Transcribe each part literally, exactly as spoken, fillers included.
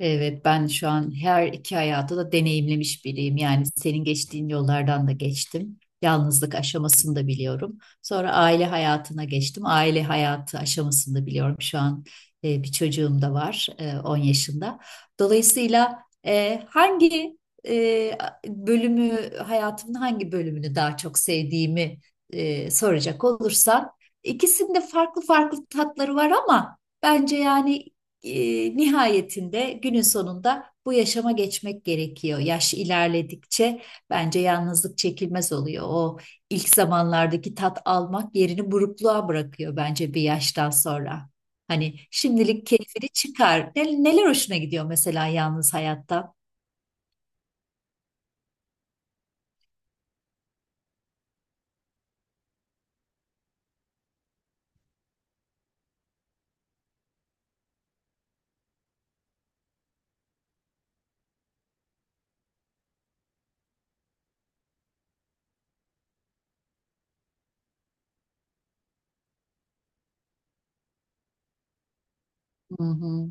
Evet, ben şu an her iki hayatı da deneyimlemiş biriyim. Yani senin geçtiğin yollardan da geçtim. Yalnızlık aşamasını da biliyorum. Sonra aile hayatına geçtim. Aile hayatı aşamasını da biliyorum. Şu an e, bir çocuğum da var, e, on yaşında. Dolayısıyla e, hangi e, bölümü, hayatımın hangi bölümünü daha çok sevdiğimi e, soracak olursan, ikisinde farklı farklı tatları var ama bence yani e, nihayetinde günün sonunda bu yaşama geçmek gerekiyor. Yaş ilerledikçe bence yalnızlık çekilmez oluyor. O ilk zamanlardaki tat almak yerini burukluğa bırakıyor bence bir yaştan sonra. Hani şimdilik keyfini çıkar. Ne- Neler hoşuna gidiyor mesela yalnız hayatta? Hı hı.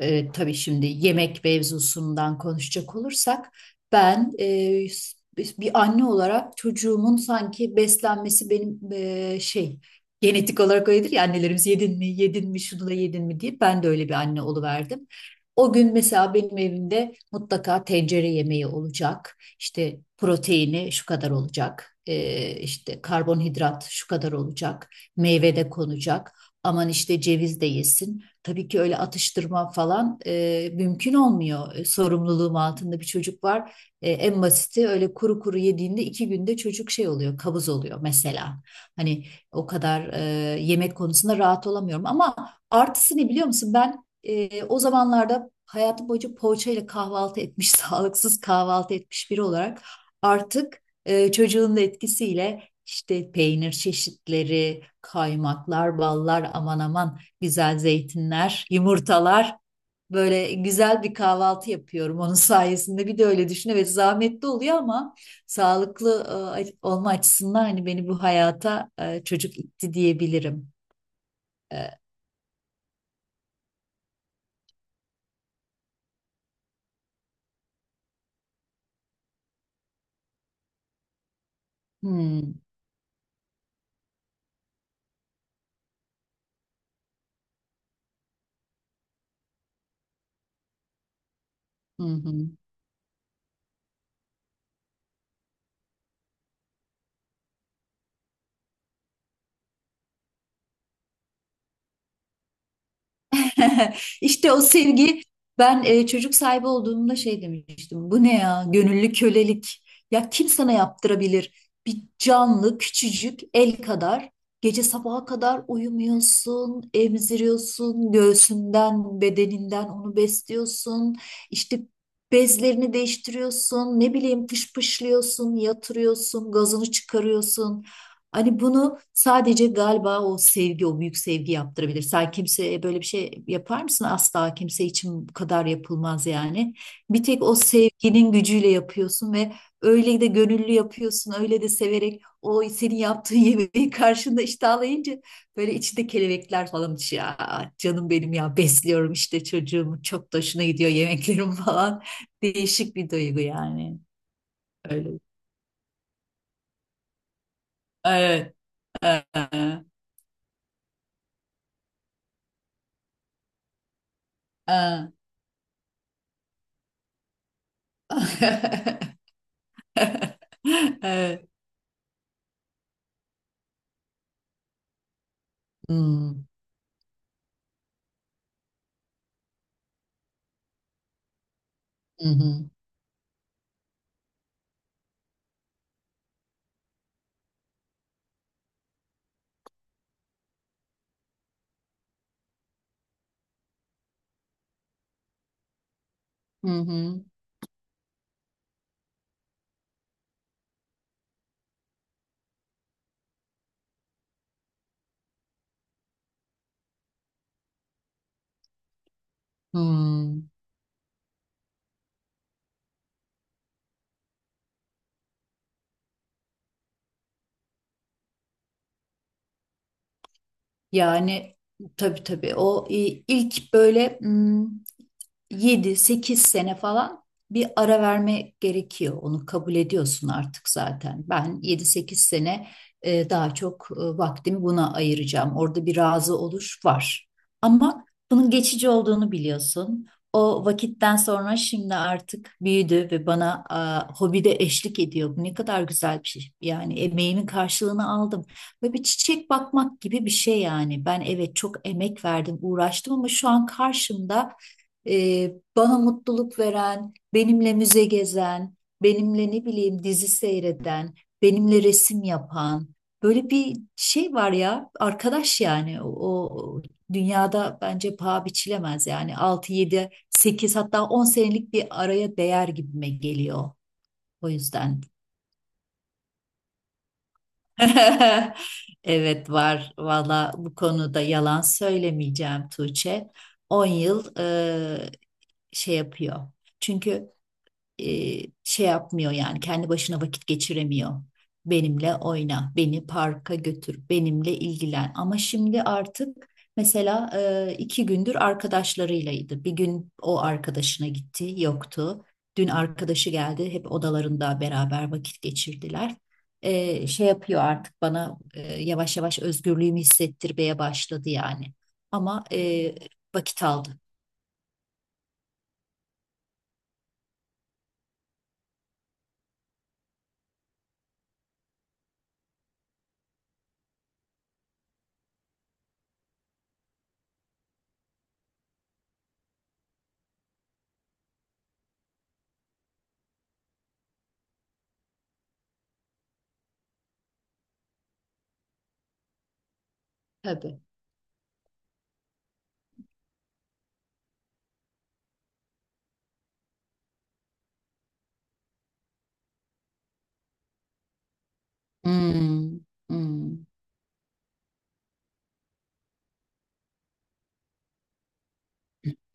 e, tabii şimdi yemek mevzusundan konuşacak olursak ben e, bir anne olarak çocuğumun sanki beslenmesi benim e, şey genetik olarak öyledir ya annelerimiz yedin mi yedin mi şunu da yedin mi diye ben de öyle bir anne oluverdim. O gün mesela benim evimde mutlaka tencere yemeği olacak. İşte proteini şu kadar olacak. E, işte karbonhidrat şu kadar olacak. Meyve de konacak. Aman işte ceviz de yesin. Tabii ki öyle atıştırma falan e, mümkün olmuyor. E, Sorumluluğum altında bir çocuk var. E, en basiti öyle kuru kuru yediğinde iki günde çocuk şey oluyor, kabız oluyor mesela. Hani o kadar e, yemek konusunda rahat olamıyorum. Ama artısı ne biliyor musun? Ben e, o zamanlarda hayatım boyunca poğaça ile kahvaltı etmiş, sağlıksız kahvaltı etmiş biri olarak artık e, çocuğun da etkisiyle işte peynir çeşitleri, kaymaklar, ballar aman aman güzel zeytinler, yumurtalar. Böyle güzel bir kahvaltı yapıyorum onun sayesinde. Bir de öyle düşün. Evet, zahmetli oluyor ama sağlıklı e, olma açısından hani beni bu hayata e, çocuk itti diyebilirim. E, hmm, hı hı. İşte o sevgi, ben e, çocuk sahibi olduğumda şey demiştim. Bu ne ya? Gönüllü kölelik. Ya kim sana yaptırabilir? Bir canlı, küçücük el kadar, gece sabaha kadar uyumuyorsun, emziriyorsun, göğsünden, bedeninden onu besliyorsun. İşte bezlerini değiştiriyorsun, ne bileyim pış pışlıyorsun, yatırıyorsun, gazını çıkarıyorsun. Hani bunu sadece galiba o sevgi, o büyük sevgi yaptırabilir. Sen kimseye böyle bir şey yapar mısın? Asla kimse için bu kadar yapılmaz yani. Bir tek o sevginin gücüyle yapıyorsun ve öyle de gönüllü yapıyorsun, öyle de severek o senin yaptığın yemeği karşında iştahlayınca böyle içinde kelebekler falan uçuyor. "Aa, canım benim ya, besliyorum işte çocuğumu, çok da hoşuna gidiyor yemeklerim falan." Değişik bir duygu yani. Öyle. Evet. Ee, ee. Evet. Hmm. Hı hı. Hı hı. Hmm. Yani tabii tabii, o e, ilk böyle yedi sekiz sene falan bir ara verme gerekiyor. Onu kabul ediyorsun artık zaten. Ben yedi sekiz sene e, daha çok e, vaktimi buna ayıracağım. Orada bir razı oluş var. Ama bunun geçici olduğunu biliyorsun. O vakitten sonra şimdi artık büyüdü ve bana hobi hobide eşlik ediyor. Bu ne kadar güzel bir şey. Yani emeğimin karşılığını aldım. Böyle bir çiçek bakmak gibi bir şey yani. Ben, evet, çok emek verdim, uğraştım ama şu an karşımda e, bana mutluluk veren, benimle müze gezen, benimle ne bileyim dizi seyreden, benimle resim yapan böyle bir şey var ya arkadaş yani o, o dünyada bence paha biçilemez, yani altı yedi sekiz hatta on senelik bir araya değer gibime geliyor. O yüzden evet, var. Valla bu konuda yalan söylemeyeceğim Tuğçe. On yıl e, şey yapıyor. Çünkü e, şey yapmıyor yani kendi başına vakit geçiremiyor. Benimle oyna, beni parka götür, benimle ilgilen. Ama şimdi artık mesela e, iki gündür arkadaşlarıylaydı. Bir gün o arkadaşına gitti, yoktu. Dün arkadaşı geldi, hep odalarında beraber vakit geçirdiler. E, şey yapıyor artık, bana e, yavaş yavaş özgürlüğümü hissettirmeye başladı yani. Ama e, vakit aldı. Tabii. Hmm, hmm.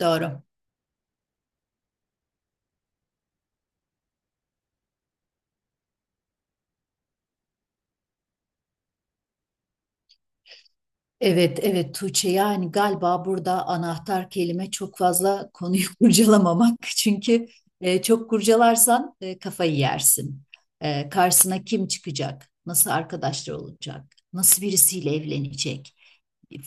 Doğru. Evet, evet Tuğçe, yani galiba burada anahtar kelime çok fazla konuyu kurcalamamak. Çünkü e, çok kurcalarsan e, kafayı yersin. E, karşısına kim çıkacak? Nasıl arkadaşlar olacak? Nasıl birisiyle evlenecek?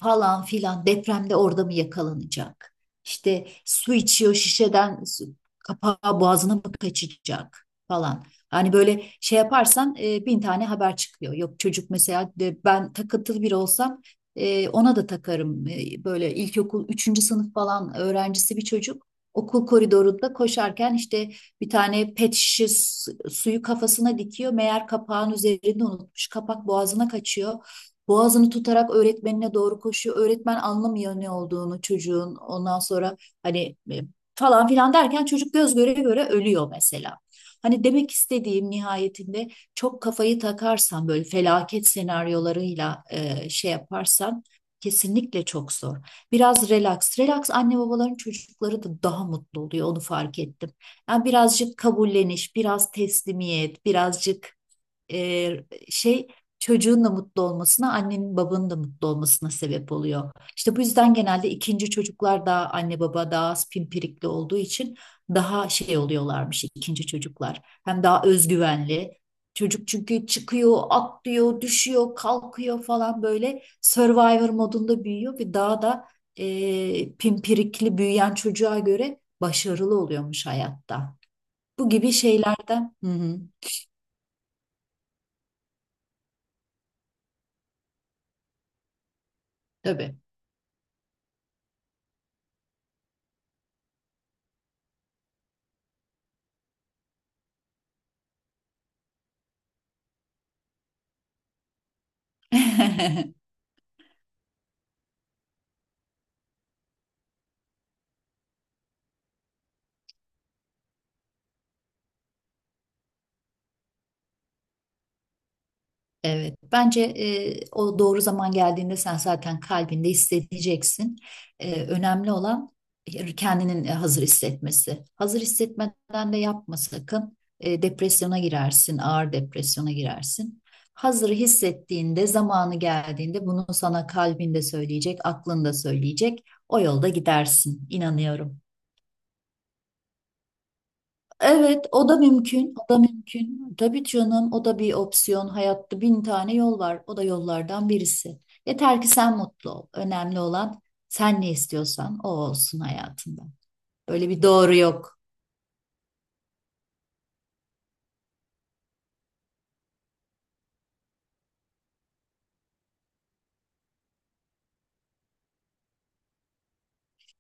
Falan filan depremde orada mı yakalanacak? İşte su içiyor şişeden, su- kapağı boğazına mı kaçacak falan. Hani böyle şey yaparsan e, bin tane haber çıkıyor. Yok çocuk mesela, de ben takıntılı biri olsam e, ona da takarım. E, böyle ilkokul üçüncü sınıf falan öğrencisi bir çocuk. Okul koridorunda koşarken işte bir tane pet şişe su- suyu kafasına dikiyor. Meğer kapağın üzerinde unutmuş. Kapak boğazına kaçıyor. Boğazını tutarak öğretmenine doğru koşuyor. Öğretmen anlamıyor ne olduğunu çocuğun. Ondan sonra hani e, falan filan derken çocuk göz göre göre ölüyor mesela. Hani demek istediğim, nihayetinde çok kafayı takarsan böyle felaket senaryolarıyla e, şey yaparsan, kesinlikle çok zor. Biraz relax. Relax anne babaların çocukları da daha mutlu oluyor, onu fark ettim. Yani birazcık kabulleniş, biraz teslimiyet, birazcık e, şey çocuğun da mutlu olmasına, annenin babanın da mutlu olmasına sebep oluyor. İşte bu yüzden genelde ikinci çocuklar, daha anne baba daha az pimpirikli olduğu için, daha şey oluyorlarmış ikinci çocuklar. Hem daha özgüvenli. Çocuk çünkü çıkıyor, atlıyor, düşüyor, kalkıyor falan, böyle Survivor modunda büyüyor ve daha da e, pimpirikli büyüyen çocuğa göre başarılı oluyormuş hayatta. Bu gibi şeylerden. Hı hı, tabii. Evet, bence e, o doğru zaman geldiğinde sen zaten kalbinde hissedeceksin. E, önemli olan kendinin e, hazır hissetmesi. Hazır hissetmeden de yapma sakın. E, depresyona girersin, ağır depresyona girersin. Hazır hissettiğinde, zamanı geldiğinde bunu sana kalbinde söyleyecek, aklında söyleyecek. O yolda gidersin, inanıyorum. Evet, o da mümkün, o da mümkün. Tabii canım, o da bir opsiyon. Hayatta bin tane yol var, o da yollardan birisi. Yeter ki sen mutlu ol. Önemli olan, sen ne istiyorsan o olsun hayatında. Böyle bir doğru yok.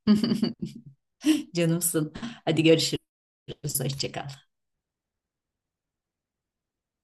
Canımsın. Hadi görüşürüz, hoşça kal.